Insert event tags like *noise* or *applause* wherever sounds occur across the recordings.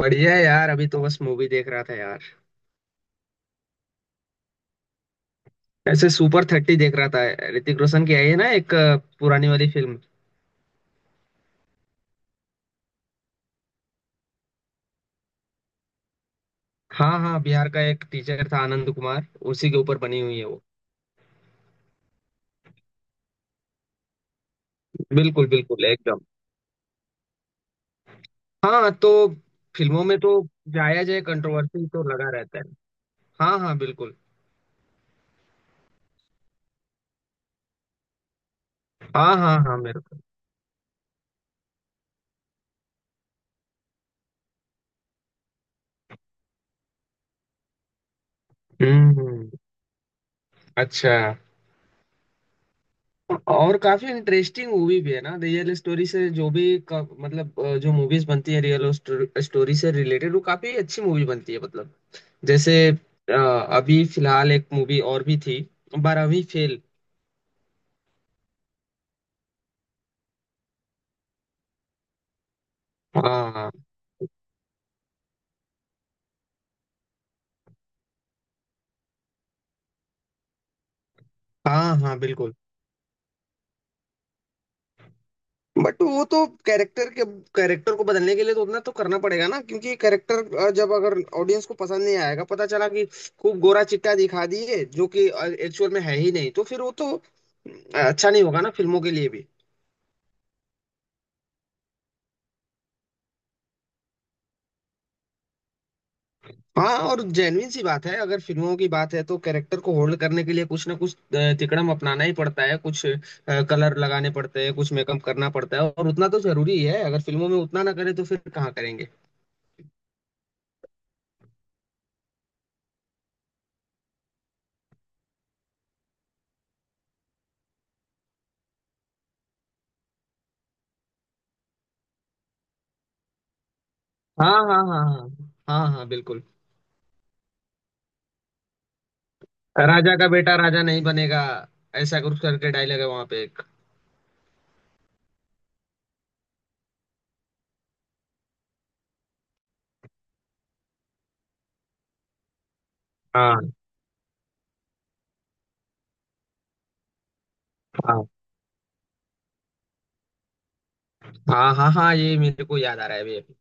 बढ़िया है यार। अभी तो बस मूवी देख रहा था यार। ऐसे सुपर थर्टी देख रहा था। ऋतिक रोशन की आई है ना, एक पुरानी वाली फिल्म। हाँ हाँ, बिहार का एक टीचर था आनंद कुमार। उसी के ऊपर बनी हुई है वो। बिल्कुल बिल्कुल एकदम। हाँ तो फिल्मों में तो जाया जाए, कंट्रोवर्सी तो लगा रहता है। हाँ हाँ बिल्कुल। हाँ हाँ हाँ मेरे को। हम्म। अच्छा। और काफी इंटरेस्टिंग मूवी भी है ना, रियल स्टोरी से मतलब, जो मूवीज बनती है रियल स्टोरी से रिलेटेड वो काफी अच्छी मूवी बनती है मतलब। जैसे अभी फिलहाल एक मूवी और भी थी, बारहवीं फेल। हाँ हाँ हाँ बिल्कुल। बट वो तो कैरेक्टर के कैरेक्टर को बदलने के लिए तो उतना तो करना पड़ेगा ना, क्योंकि कैरेक्टर जब अगर ऑडियंस को पसंद नहीं आएगा, पता चला कि खूब गोरा चिट्टा दिखा दिए जो कि एक्चुअल में है ही नहीं, तो फिर वो तो अच्छा नहीं होगा ना फिल्मों के लिए भी। हाँ, और जेन्युइन सी बात है, अगर फिल्मों की बात है तो कैरेक्टर को होल्ड करने के लिए कुछ ना कुछ तिकड़म अपनाना ही पड़ता है, कुछ कलर लगाने पड़ते हैं, कुछ मेकअप करना पड़ता है, और उतना तो जरूरी ही है। अगर फिल्मों में उतना ना करें तो फिर कहाँ करेंगे। हाँ हाँ हाँ हाँ हाँ हाँ बिल्कुल। राजा का बेटा राजा नहीं बनेगा, ऐसा कुछ करके डायलॉग है वहां पे एक। हाँ हाँ हाँ हाँ हाँ, ये मेरे को याद आ रहा है अभी अभी।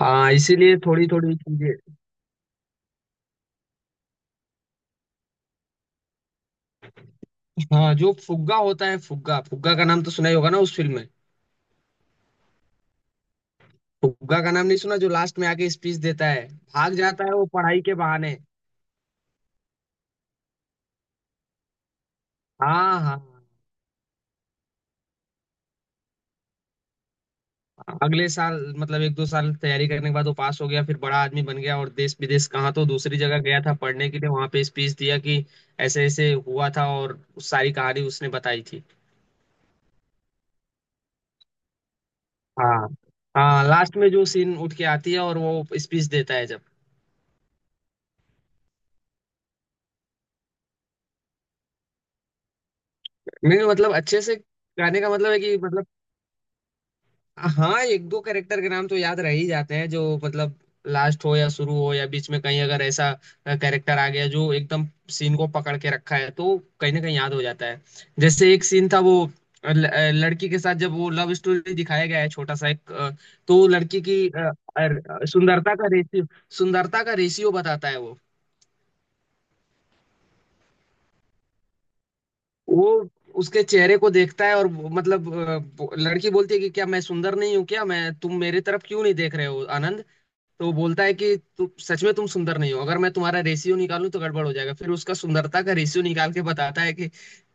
हाँ इसीलिए थोड़ी थोड़ी चीजें। हाँ, जो फुग्गा होता है, फुग्गा फुग्गा का नाम तो सुना ही होगा ना उस फिल्म में। फुग्गा का नाम नहीं सुना, जो लास्ट में आके स्पीच देता है, भाग जाता है वो पढ़ाई के बहाने। हाँ हाँ हाँ। अगले साल मतलब एक दो साल तैयारी करने के बाद वो पास हो गया, फिर बड़ा आदमी बन गया, और देश विदेश कहाँ तो दूसरी जगह गया था पढ़ने के लिए, वहां पे स्पीच दिया कि ऐसे ऐसे हुआ था, और उस सारी कहानी उसने बताई थी। हाँ हाँ, लास्ट में जो सीन उठ के आती है और वो स्पीच देता है जब। नहीं मतलब अच्छे से गाने का मतलब है कि मतलब। हाँ, एक दो कैरेक्टर के नाम तो याद रह ही जाते हैं जो मतलब लास्ट हो या शुरू हो या बीच में कहीं, अगर ऐसा कैरेक्टर आ गया जो एकदम सीन को पकड़ के रखा है, तो कहीं ना कहीं याद हो जाता है। जैसे एक सीन था वो, लड़की के साथ जब वो लव स्टोरी दिखाया गया है, छोटा सा एक तो वो लड़की की सुंदरता का रेशियो, सुंदरता का रेशियो बताता है वो। वो उसके चेहरे को देखता है, और वो- मतलब अ, वो- लड़की बोलती है कि क्या मैं सुंदर नहीं हूँ, क्या मैं तुम मेरे तरफ क्यों नहीं देख रहे हो आनंद। तो वो बोलता है कि सच में तुम सुंदर नहीं हो, अगर मैं तुम्हारा रेशियो निकालूं तो गड़बड़ हो जाएगा। फिर उसका सुंदरता का रेशियो निकाल के बताता है कि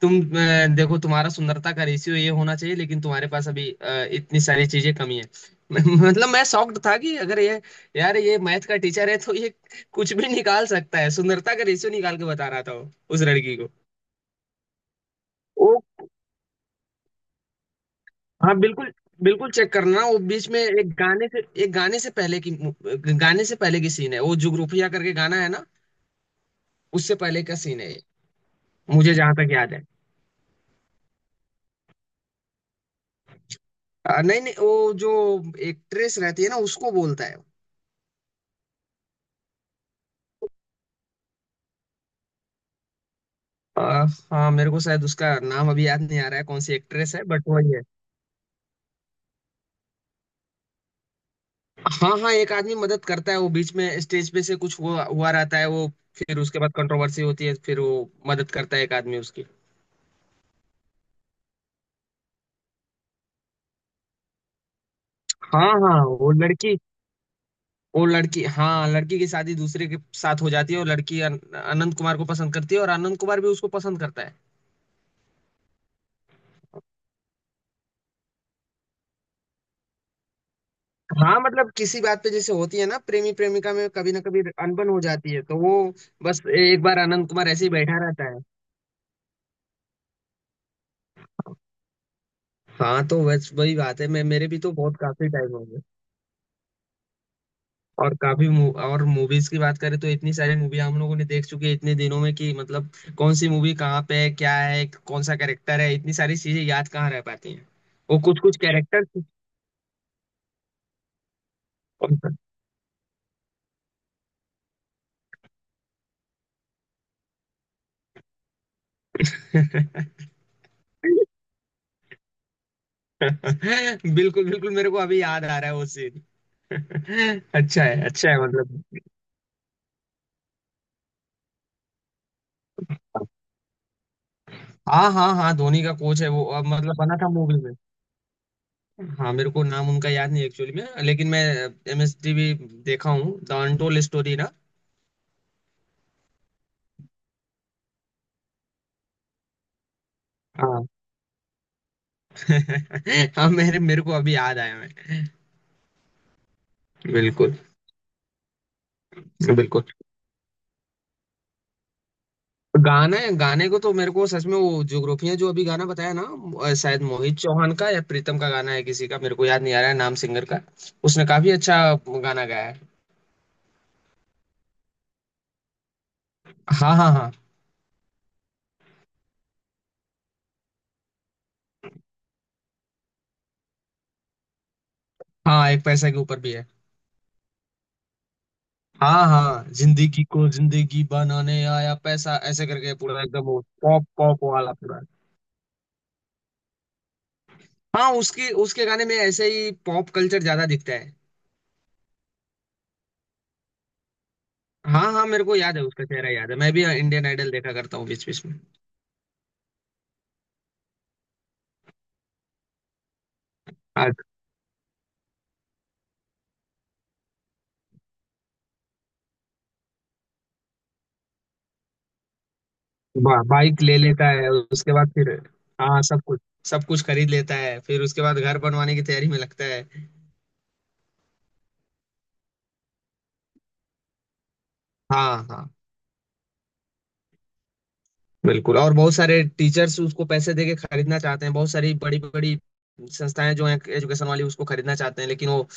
तुम देखो, तुम्हारा सुंदरता का रेशियो ये होना चाहिए, लेकिन तुम्हारे पास अभी इतनी सारी चीजें कमी है। *laughs* मतलब मैं शॉक्ड था कि अगर ये, यार ये मैथ का टीचर है तो ये कुछ भी निकाल सकता है। सुंदरता का रेशियो निकाल के बता रहा था वो, उस लड़की को। वो हाँ बिल्कुल। बिल्कुल चेक करना, वो बीच में एक गाने से, एक गाने से पहले की, गाने से पहले की सीन है वो, जुगरूपिया करके गाना है ना, उससे पहले का सीन है मुझे जहां तक याद है। नहीं नहीं, वो जो एक्ट्रेस रहती है ना उसको बोलता है। अ, हाँ मेरे को शायद उसका नाम अभी याद नहीं आ रहा है, कौन सी एक्ट्रेस है, बट वही है। हाँ हाँ एक आदमी मदद करता है, वो बीच में स्टेज पे से कुछ हुआ हुआ रहता है वो, फिर उसके बाद कंट्रोवर्सी होती है, फिर वो मदद करता है एक आदमी उसकी। हाँ हाँ वो लड़की, वो लड़की, हाँ लड़की की शादी दूसरे के साथ हो जाती है, और लड़की अनंत कुमार को पसंद करती है, और अनंत कुमार भी उसको पसंद करता है। हाँ मतलब किसी बात पे जैसे होती है ना प्रेमी प्रेमिका में कभी ना कभी अनबन हो जाती है, तो वो बस एक बार आनंद कुमार ऐसे ही बैठा रहता है। हाँ तो बस वही बात है, मैं मेरे भी तो बहुत काफी टाइम हो गया। और और मूवीज की बात करें तो इतनी सारी मूवी हम लोगों ने देख चुकी है इतने दिनों में कि मतलब कौन सी मूवी कहाँ पे है, क्या है, कौन सा कैरेक्टर है, इतनी सारी चीजें याद कहाँ रह पाती हैं। वो कुछ कुछ कैरेक्टर। कौन सा? *laughs* बिल्कुल बिल्कुल, मेरे को अभी याद आ रहा है वो सीन। *laughs* अच्छा है मतलब। हाँ हाँ हाँ, धोनी का कोच है वो, अब मतलब बना था मूवी में। हाँ मेरे को नाम उनका याद नहीं एक्चुअली में, लेकिन मैं एमएसटीवी देखा हूँ द अनटोल्ड स्टोरी ना। हाँ। *laughs* हाँ, मेरे मेरे को अभी याद आया मैं। बिल्कुल। बिल्कुल। गाना गाने को तो मेरे को सच में वो जोग्राफिया जो अभी गाना बताया ना, शायद मोहित चौहान का या प्रीतम का गाना है किसी का, मेरे को याद नहीं आ रहा है नाम सिंगर का। उसने काफी अच्छा गाना गाया है। हाँ हाँ हाँ। हाँ एक पैसा के ऊपर भी है। हाँ हाँ, जिंदगी को जिंदगी बनाने आया पैसा, ऐसे करके पूरा एकदम वो पॉप पॉप वाला पूरा। हाँ, उसकी उसके गाने में ऐसे ही पॉप कल्चर ज्यादा दिखता है। हाँ हाँ, मेरे को याद है, उसका चेहरा याद है, मैं भी इंडियन आइडल देखा करता हूँ बीच बीच में। हाँ, बाइक ले लेता है उसके बाद, फिर हाँ सब कुछ, सब कुछ खरीद लेता है, फिर उसके बाद घर बनवाने की तैयारी में लगता है। हाँ हाँ बिल्कुल, और बहुत सारे टीचर्स उसको पैसे देके खरीदना चाहते हैं, बहुत सारी बड़ी बड़ी संस्थाएं जो हैं एजुकेशन वाली उसको खरीदना चाहते हैं, लेकिन वो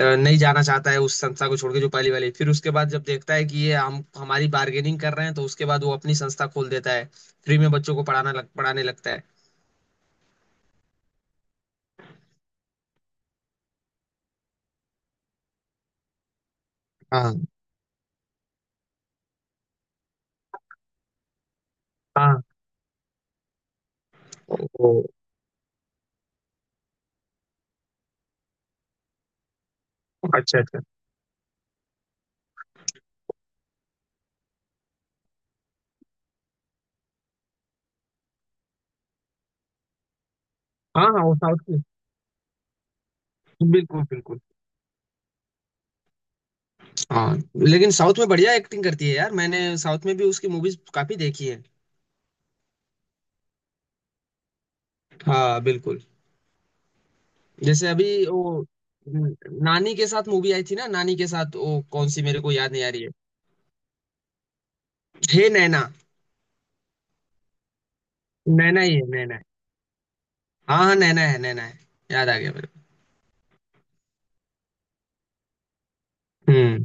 नहीं जाना चाहता है उस संस्था को छोड़ के जो पहली वाली। फिर उसके बाद जब देखता है कि ये हम हमारी बार्गेनिंग कर रहे हैं, तो उसके बाद वो अपनी संस्था खोल देता है, फ्री में बच्चों को पढ़ाने लगता है। हाँ हाँ। ओ, अच्छा अच्छा। हाँ हाँ वो साउथ की। बिल्कुल बिल्कुल। हाँ लेकिन साउथ में बढ़िया एक्टिंग करती है यार, मैंने साउथ में भी उसकी मूवीज काफी देखी है। हाँ बिल्कुल। जैसे अभी वो न- नानी के साथ मूवी आई थी ना, नानी के साथ, वो कौन सी मेरे को याद नहीं आ रही है। हे नैना। नैना ही है, नैना है। हाँ हाँ नैना है नैना है, याद आ गया मेरे को। हम्म।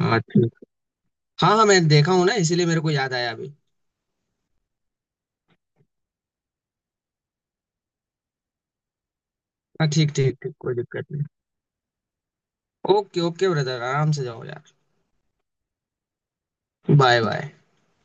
हाँ ठीक। हाँ हाँ मैं देखा हूँ ना, इसीलिए मेरे को याद आया अभी। हाँ ठीक ठीक ठीक, कोई दिक्कत नहीं। ओके ओके ब्रदर, आराम से जाओ यार। Bye bye.